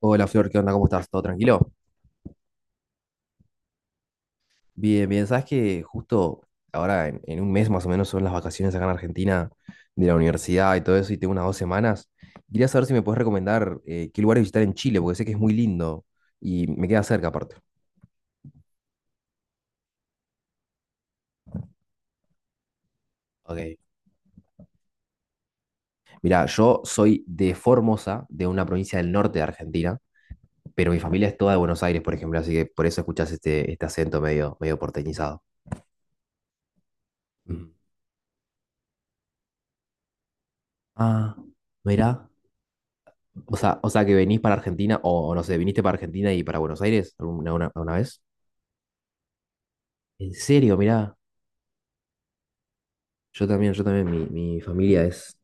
Hola Flor, ¿qué onda? ¿Cómo estás? ¿Todo tranquilo? Bien, bien. Sabes que justo ahora en un mes más o menos son las vacaciones acá en Argentina de la universidad y todo eso, y tengo unas 2 semanas. Quería saber si me puedes recomendar qué lugares visitar en Chile, porque sé que es muy lindo y me queda cerca aparte. Ok. Mira, yo soy de Formosa, de una provincia del norte de Argentina, pero mi familia es toda de Buenos Aires, por ejemplo, así que por eso escuchas este acento medio porteñizado. Ujú. Ah, mira. O sea que venís para Argentina, o no sé, viniste para Argentina y para Buenos Aires alguna una vez. En serio, mirá, yo también, mi familia es,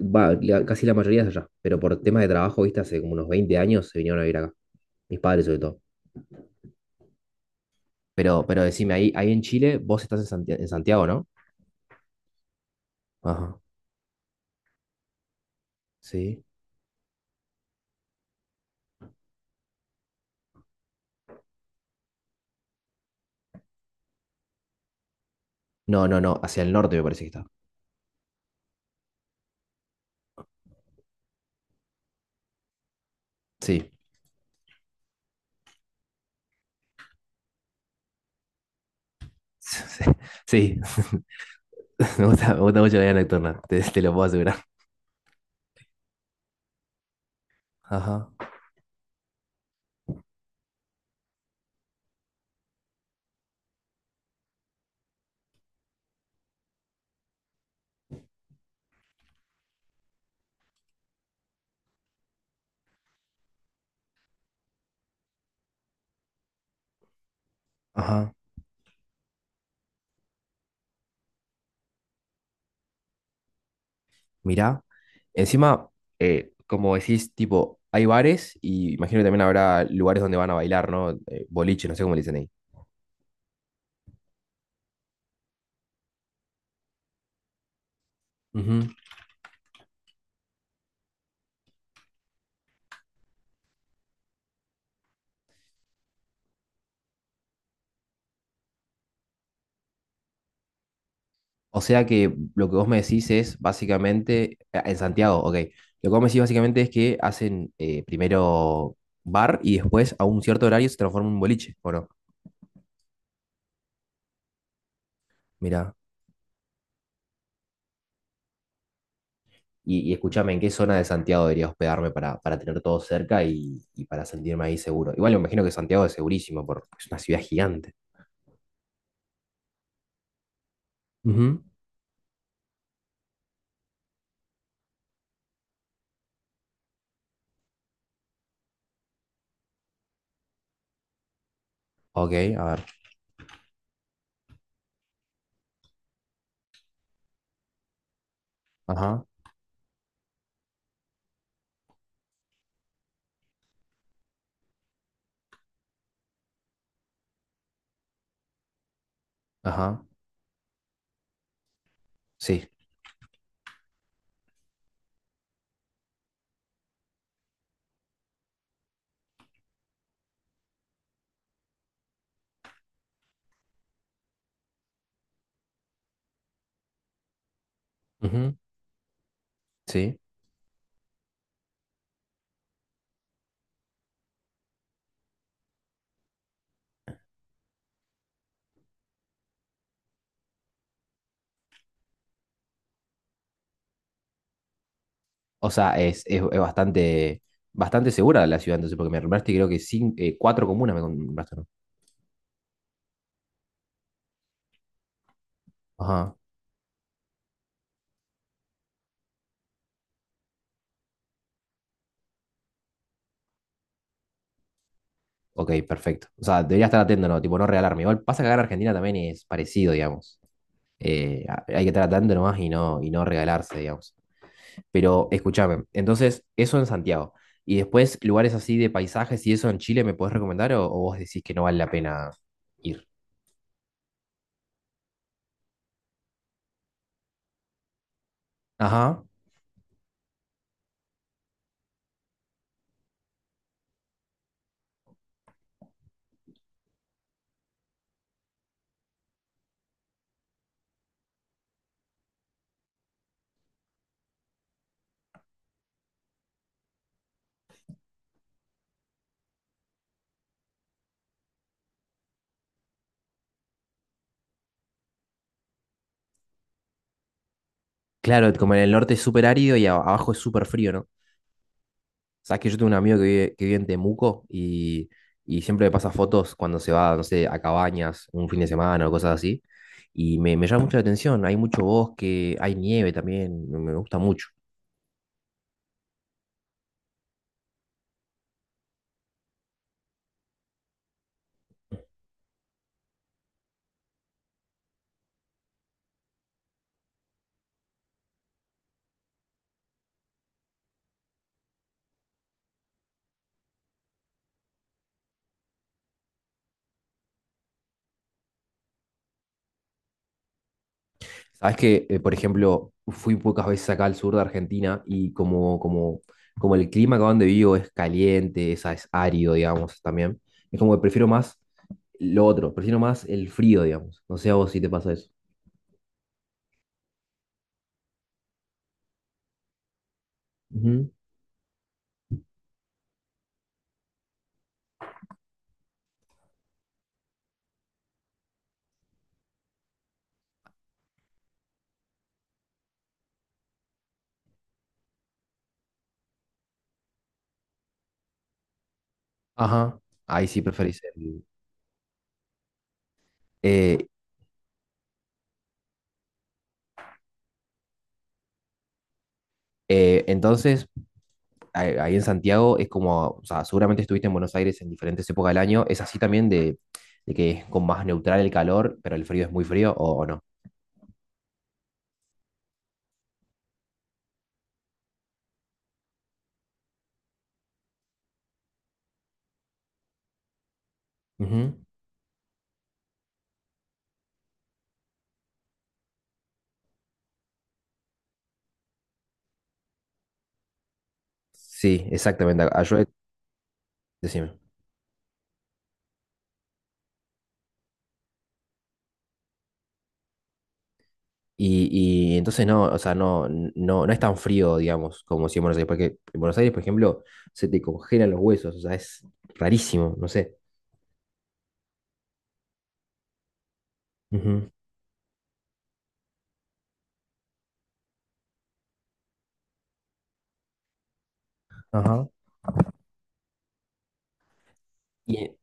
va, casi la mayoría es allá, pero por temas de trabajo, viste, hace como unos 20 años se vinieron a vivir acá, mis padres sobre todo. Pero decime, ahí en Chile, vos estás en Santiago, ¿no? Ajá, sí. No, no, no, hacia el norte me parece que está. Sí, sí, sí. Me gusta mucho la vida nocturna, te lo puedo asegurar. Ajá, ajá. Mirá, encima, como decís, tipo, hay bares y imagino que también habrá lugares donde van a bailar, ¿no? Boliches, no sé cómo le dicen ahí. Ujú. O sea que lo que vos me decís es básicamente, ah, en Santiago, ok, lo que vos me decís básicamente es que hacen primero bar y después a un cierto horario se transforma en un boliche, ¿o no? Mirá, y escúchame, ¿en qué zona de Santiago debería hospedarme para tener todo cerca y para sentirme ahí seguro? Igual me imagino que Santiago es segurísimo, porque es una ciudad gigante. Ujú. Ok, a ver. Ajá, ajá, sí, ujú, sí. O sea, es bastante, bastante segura la ciudad, entonces, porque me nombraste creo que cinco, cuatro comunas me nombraste, ¿no? Ajá, ok, perfecto. O sea, debería estar atento, ¿no? Tipo, no regalarme. Igual pasa que acá en Argentina también es parecido, digamos. Hay que estar atento nomás y no regalarse, digamos. Pero escúchame, entonces, eso en Santiago. Y después, lugares así de paisajes y eso en Chile, ¿me podés recomendar o vos decís que no vale la pena ir? Ajá, claro, como en el norte es súper árido y abajo es súper frío, ¿no? Sabes que yo tengo un amigo que vive en Temuco y siempre me pasa fotos cuando se va, no sé, a cabañas un fin de semana o cosas así. Y me llama mucho la atención. Hay mucho bosque, hay nieve también, me gusta mucho. Sabes que, por ejemplo, fui pocas veces acá al sur de Argentina y como el clima acá donde vivo es caliente, es árido, digamos, también. Es como que prefiero más lo otro, prefiero más el frío, digamos. No sé a vos si te pasa eso. Ajá, ahí sí preferís el... eh, entonces, ahí en Santiago es como, o sea, seguramente estuviste en Buenos Aires en diferentes épocas del año, ¿es así también de que es con más neutral el calor, pero el frío es muy frío o no? Ujú. Sí, exactamente, ah, yo- decime. Y entonces no, o sea, no, no, no es tan frío, digamos, como si en Buenos Aires, porque en Buenos Aires, por ejemplo, se te congelan los huesos, o sea, es rarísimo, no sé. Ujú. Ajá. Y,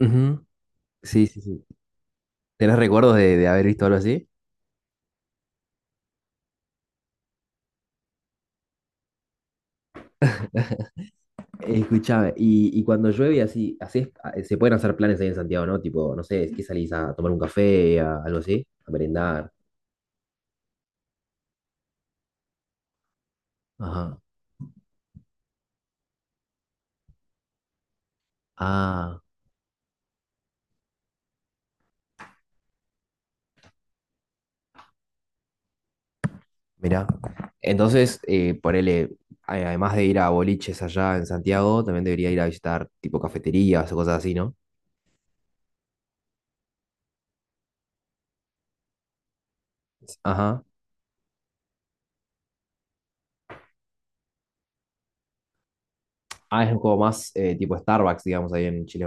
ujú. Sí, sí, sí. ¿Tenés recuerdos de haber visto algo así? Escuchame, y cuando llueve y así, así se pueden hacer planes ahí en Santiago, ¿no? Tipo, no sé, ¿qué salís a tomar un café, algo así? A merendar. Ajá. Ah, mirá. Entonces, ponele, además de ir a boliches allá en Santiago, también debería ir a visitar tipo cafeterías o cosas así, ¿no? Ajá. Ah, es como más tipo Starbucks, digamos, ahí en Chile.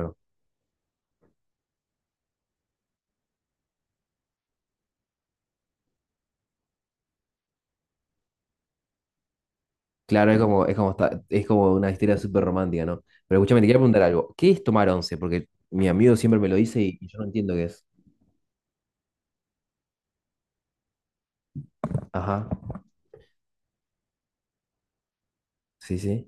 Es como, es como una historia súper romántica, ¿no? Pero escúchame, te quiero preguntar algo. ¿Qué es tomar once? Porque mi amigo siempre me lo dice y yo no entiendo qué es. Ajá, sí, sí.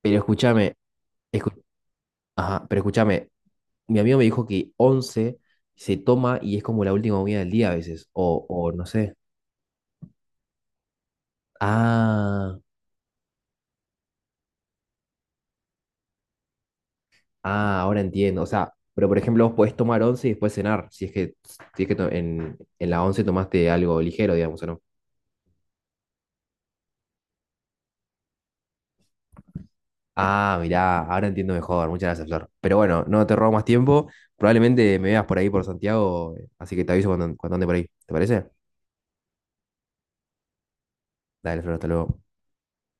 Pero escúchame, escu- ajá, pero escúchame, mi amigo me dijo que once se toma y es como la última comida del día a veces, o no sé. Ah, ah, ahora entiendo. O sea, pero por ejemplo, vos podés tomar once y después cenar, si es que, si es que en la once tomaste algo ligero, digamos, ¿o no? Ah, mirá, ahora entiendo mejor. Muchas gracias, Flor. Pero bueno, no te robo más tiempo. Probablemente me veas por ahí por Santiago, así que te aviso cuando, cuando ande por ahí. ¿Te parece? Dale, Flor, hasta luego.